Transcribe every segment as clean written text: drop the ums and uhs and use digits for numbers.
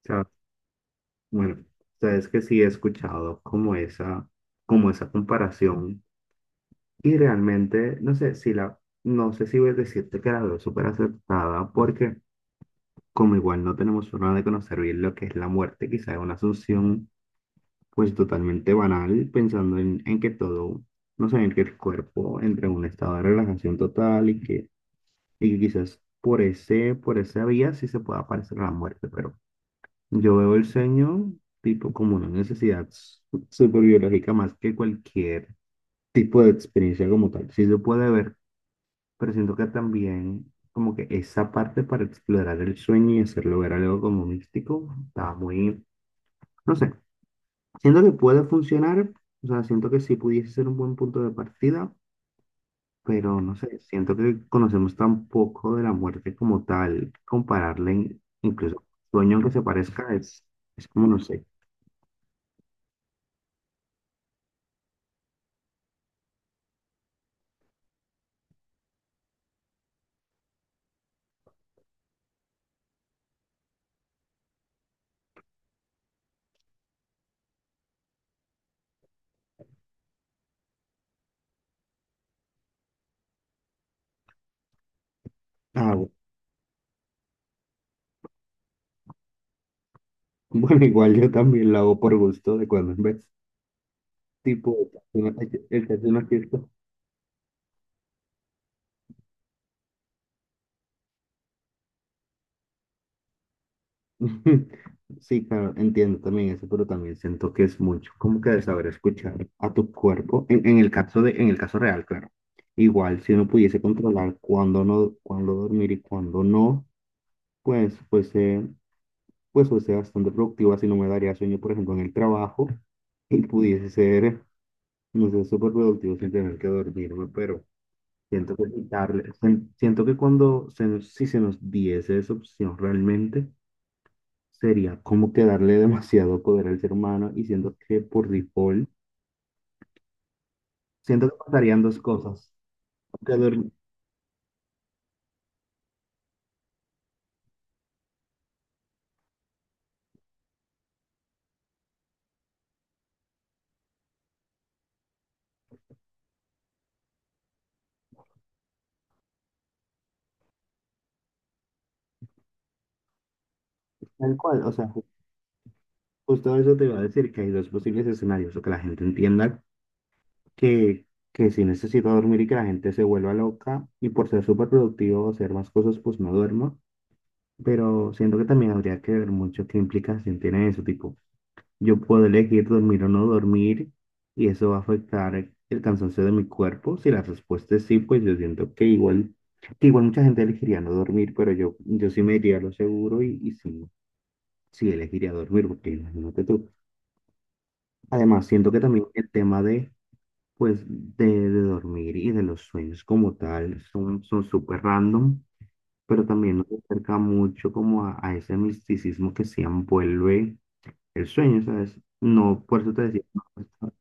O sea, bueno, sabes que sí he escuchado como esa comparación y realmente, no sé si la, no sé si voy a decirte que la veo súper aceptada, porque como igual no tenemos forma de conocer bien lo que es la muerte, quizá es una asunción pues totalmente banal pensando en que todo, no sé, en que el cuerpo entra en un estado de relajación total y que quizás por ese, por esa vía sí se pueda aparecer la muerte, pero yo veo el sueño tipo como una necesidad súper biológica más que cualquier tipo de experiencia como tal. Sí se puede ver, pero siento que también como que esa parte para explorar el sueño y hacerlo ver algo como místico, está muy, no sé, siento que puede funcionar, o sea, siento que sí pudiese ser un buen punto de partida, pero no sé, siento que conocemos tan poco de la muerte como tal, compararle incluso sueño que se parezca es como, no sé. Ah, bueno, igual yo también lo hago por gusto de cuando en vez, tipo, el que hace una fiesta. Sí, claro, entiendo también eso, pero también siento que es mucho como que de saber escuchar a tu cuerpo, en el caso de, en el caso real, claro. Igual, si uno pudiese controlar cuándo no, cuándo dormir y cuándo no, pues fuese, pues fuese bastante productiva, si no me daría sueño, por ejemplo, en el trabajo, y pudiese ser, no sé, súper productivo sin tener que dormirme, pero... Siento que quitarle, siento que cuando si se nos diese esa opción realmente, sería como que darle demasiado poder al ser humano y siento que por default, siento que pasarían dos cosas. Que dur- Tal cual, o sea, justo eso te iba a decir, que hay dos posibles escenarios, o que la gente entienda que, que sí necesito dormir y que la gente se vuelva loca y por ser súper productivo o hacer más cosas, pues no duermo. Pero siento que también habría que ver mucho qué implicación tiene eso, tipo. Yo puedo elegir dormir o no dormir y eso va a afectar el cansancio de mi cuerpo. Si la respuesta es sí, pues yo siento que igual mucha gente elegiría no dormir, pero yo sí me iría a lo seguro y sí, sí elegiría dormir, porque imagínate tú. Además, siento que también el tema de, pues, de dormir y de los sueños como tal son, son súper random, pero también nos acerca mucho como a ese misticismo que se envuelve el sueño, ¿sabes? No, por eso te decía. No,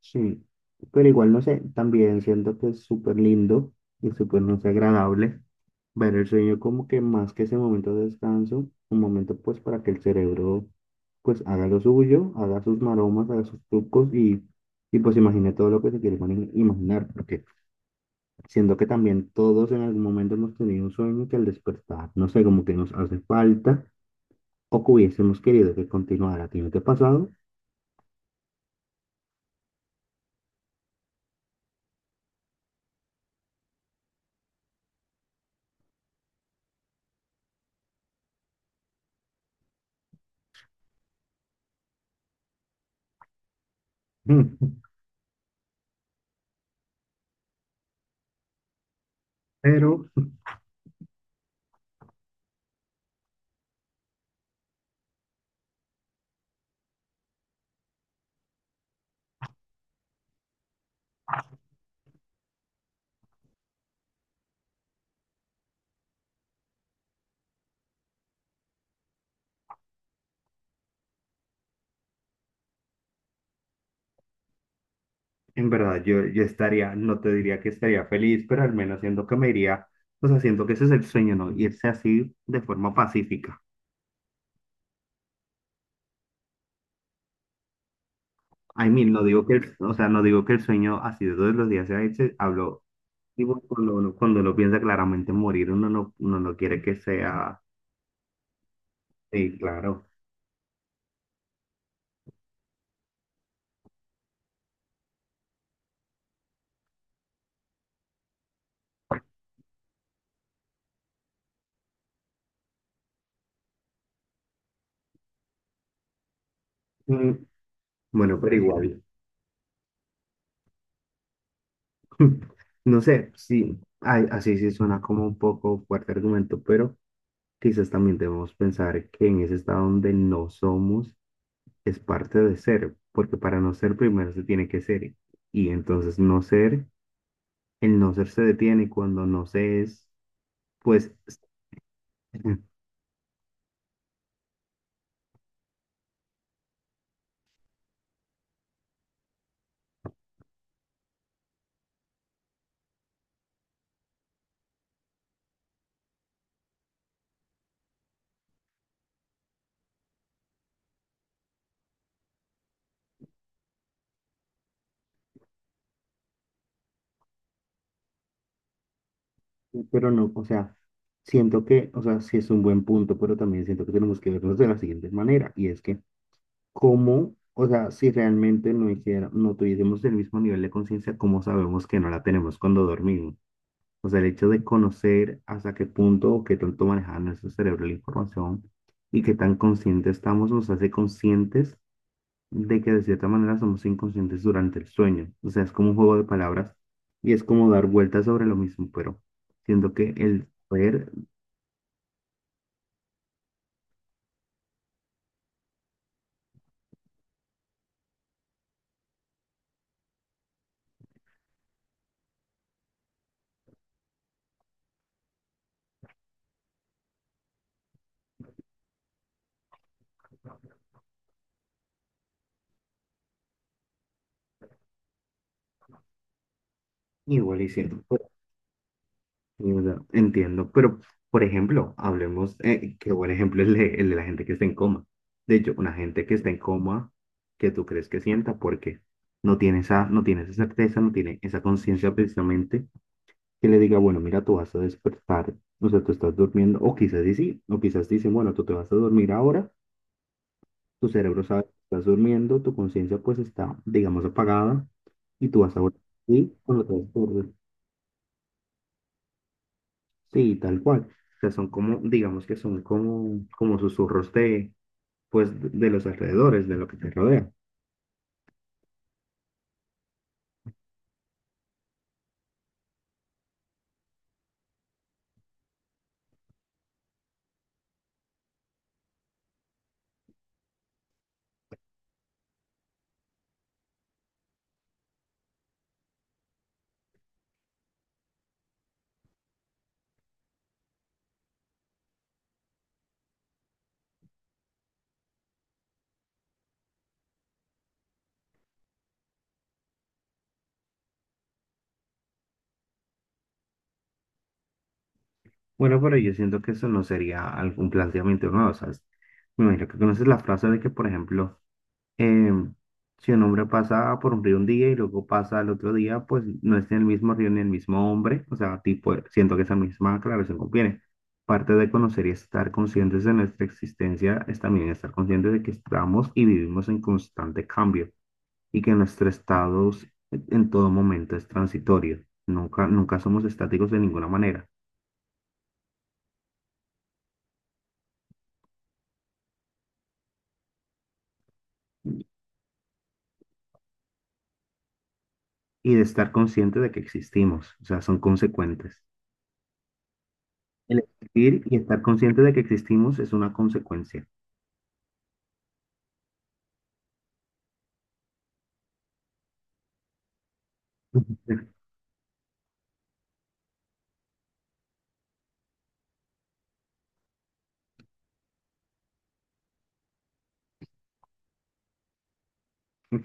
sí, pero igual no sé, también siento que es súper lindo y súper, no sé, agradable, ver el sueño como que más que ese momento de descanso, un momento pues para que el cerebro pues haga lo suyo, haga sus maromas, haga sus trucos y pues imagine todo lo que se quiere imaginar, porque siento que también todos en algún momento hemos tenido un sueño que al despertar, no sé, como que nos hace falta o que hubiésemos querido que continuara, ¿tiene que no pasado? Pero en verdad, yo estaría, no te diría que estaría feliz, pero al menos siento que me iría, o sea, siento que ese es el sueño, ¿no? Irse así de forma pacífica. I mean, no digo que, o sea, no digo que el sueño así de todos los días sea ese, hablo, digo, cuando uno piensa claramente morir, uno no quiere que sea, sí, claro. Mm, bueno, pero igual, no sé, sí, ay, así sí suena como un poco fuerte argumento, pero quizás también debemos pensar que en ese estado donde no somos, es parte de ser, porque para no ser primero se tiene que ser. Y entonces no ser, el no ser se detiene y cuando no se es, pues, pero no, o sea, siento que, o sea, sí es un buen punto, pero también siento que tenemos que vernos de la siguiente manera, y es que, ¿cómo, o sea, si realmente no hiciera, no tuviésemos el mismo nivel de conciencia, cómo sabemos que no la tenemos cuando dormimos? O sea, el hecho de conocer hasta qué punto o qué tanto maneja nuestro cerebro la información y qué tan conscientes estamos nos hace conscientes de que de cierta manera somos inconscientes durante el sueño. O sea, es como un juego de palabras y es como dar vueltas sobre lo mismo, pero siento que el poder igual y siento. Sí, o sea, entiendo, pero por ejemplo, hablemos, qué buen ejemplo es el de la gente que está en coma. De hecho, una gente que está en coma, que tú crees que sienta, porque no tiene esa, no tiene esa certeza, no tiene esa conciencia precisamente que le diga, bueno, mira, tú vas a despertar, o sea, tú estás durmiendo, o quizás y sí, o quizás dicen, bueno, tú te vas a dormir ahora, tu cerebro sabe que estás durmiendo, tu conciencia pues está, digamos, apagada, y tú vas a volver, y cuando te vas a dormir. Sí, tal cual. O sea, son como, digamos que son como, como susurros de, pues, de los alrededores, de lo que te rodea. Bueno, pero yo siento que eso no sería algún planteamiento nuevo, ¿sabes? Me imagino que conoces la frase de que, por ejemplo, em, si un hombre pasa por un río un día y luego pasa al otro día, pues no es ni el mismo río ni el mismo hombre. O sea, tipo, siento que esa misma aclaración conviene. Parte de conocer y estar conscientes de nuestra existencia es también estar conscientes de que estamos y vivimos en constante cambio, y que nuestro estado en todo momento es transitorio. Nunca, nunca somos estáticos de ninguna manera. Y de estar consciente de que existimos, o sea, son consecuentes. El existir y estar consciente de que existimos es una consecuencia.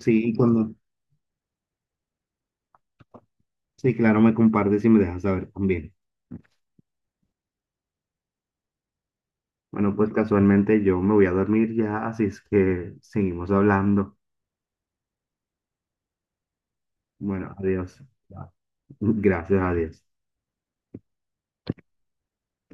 Sí, cuando, sí, claro, me compartes y me dejas saber también. Bueno, pues casualmente yo me voy a dormir ya, así es que seguimos hablando. Bueno, adiós. Gracias, adiós.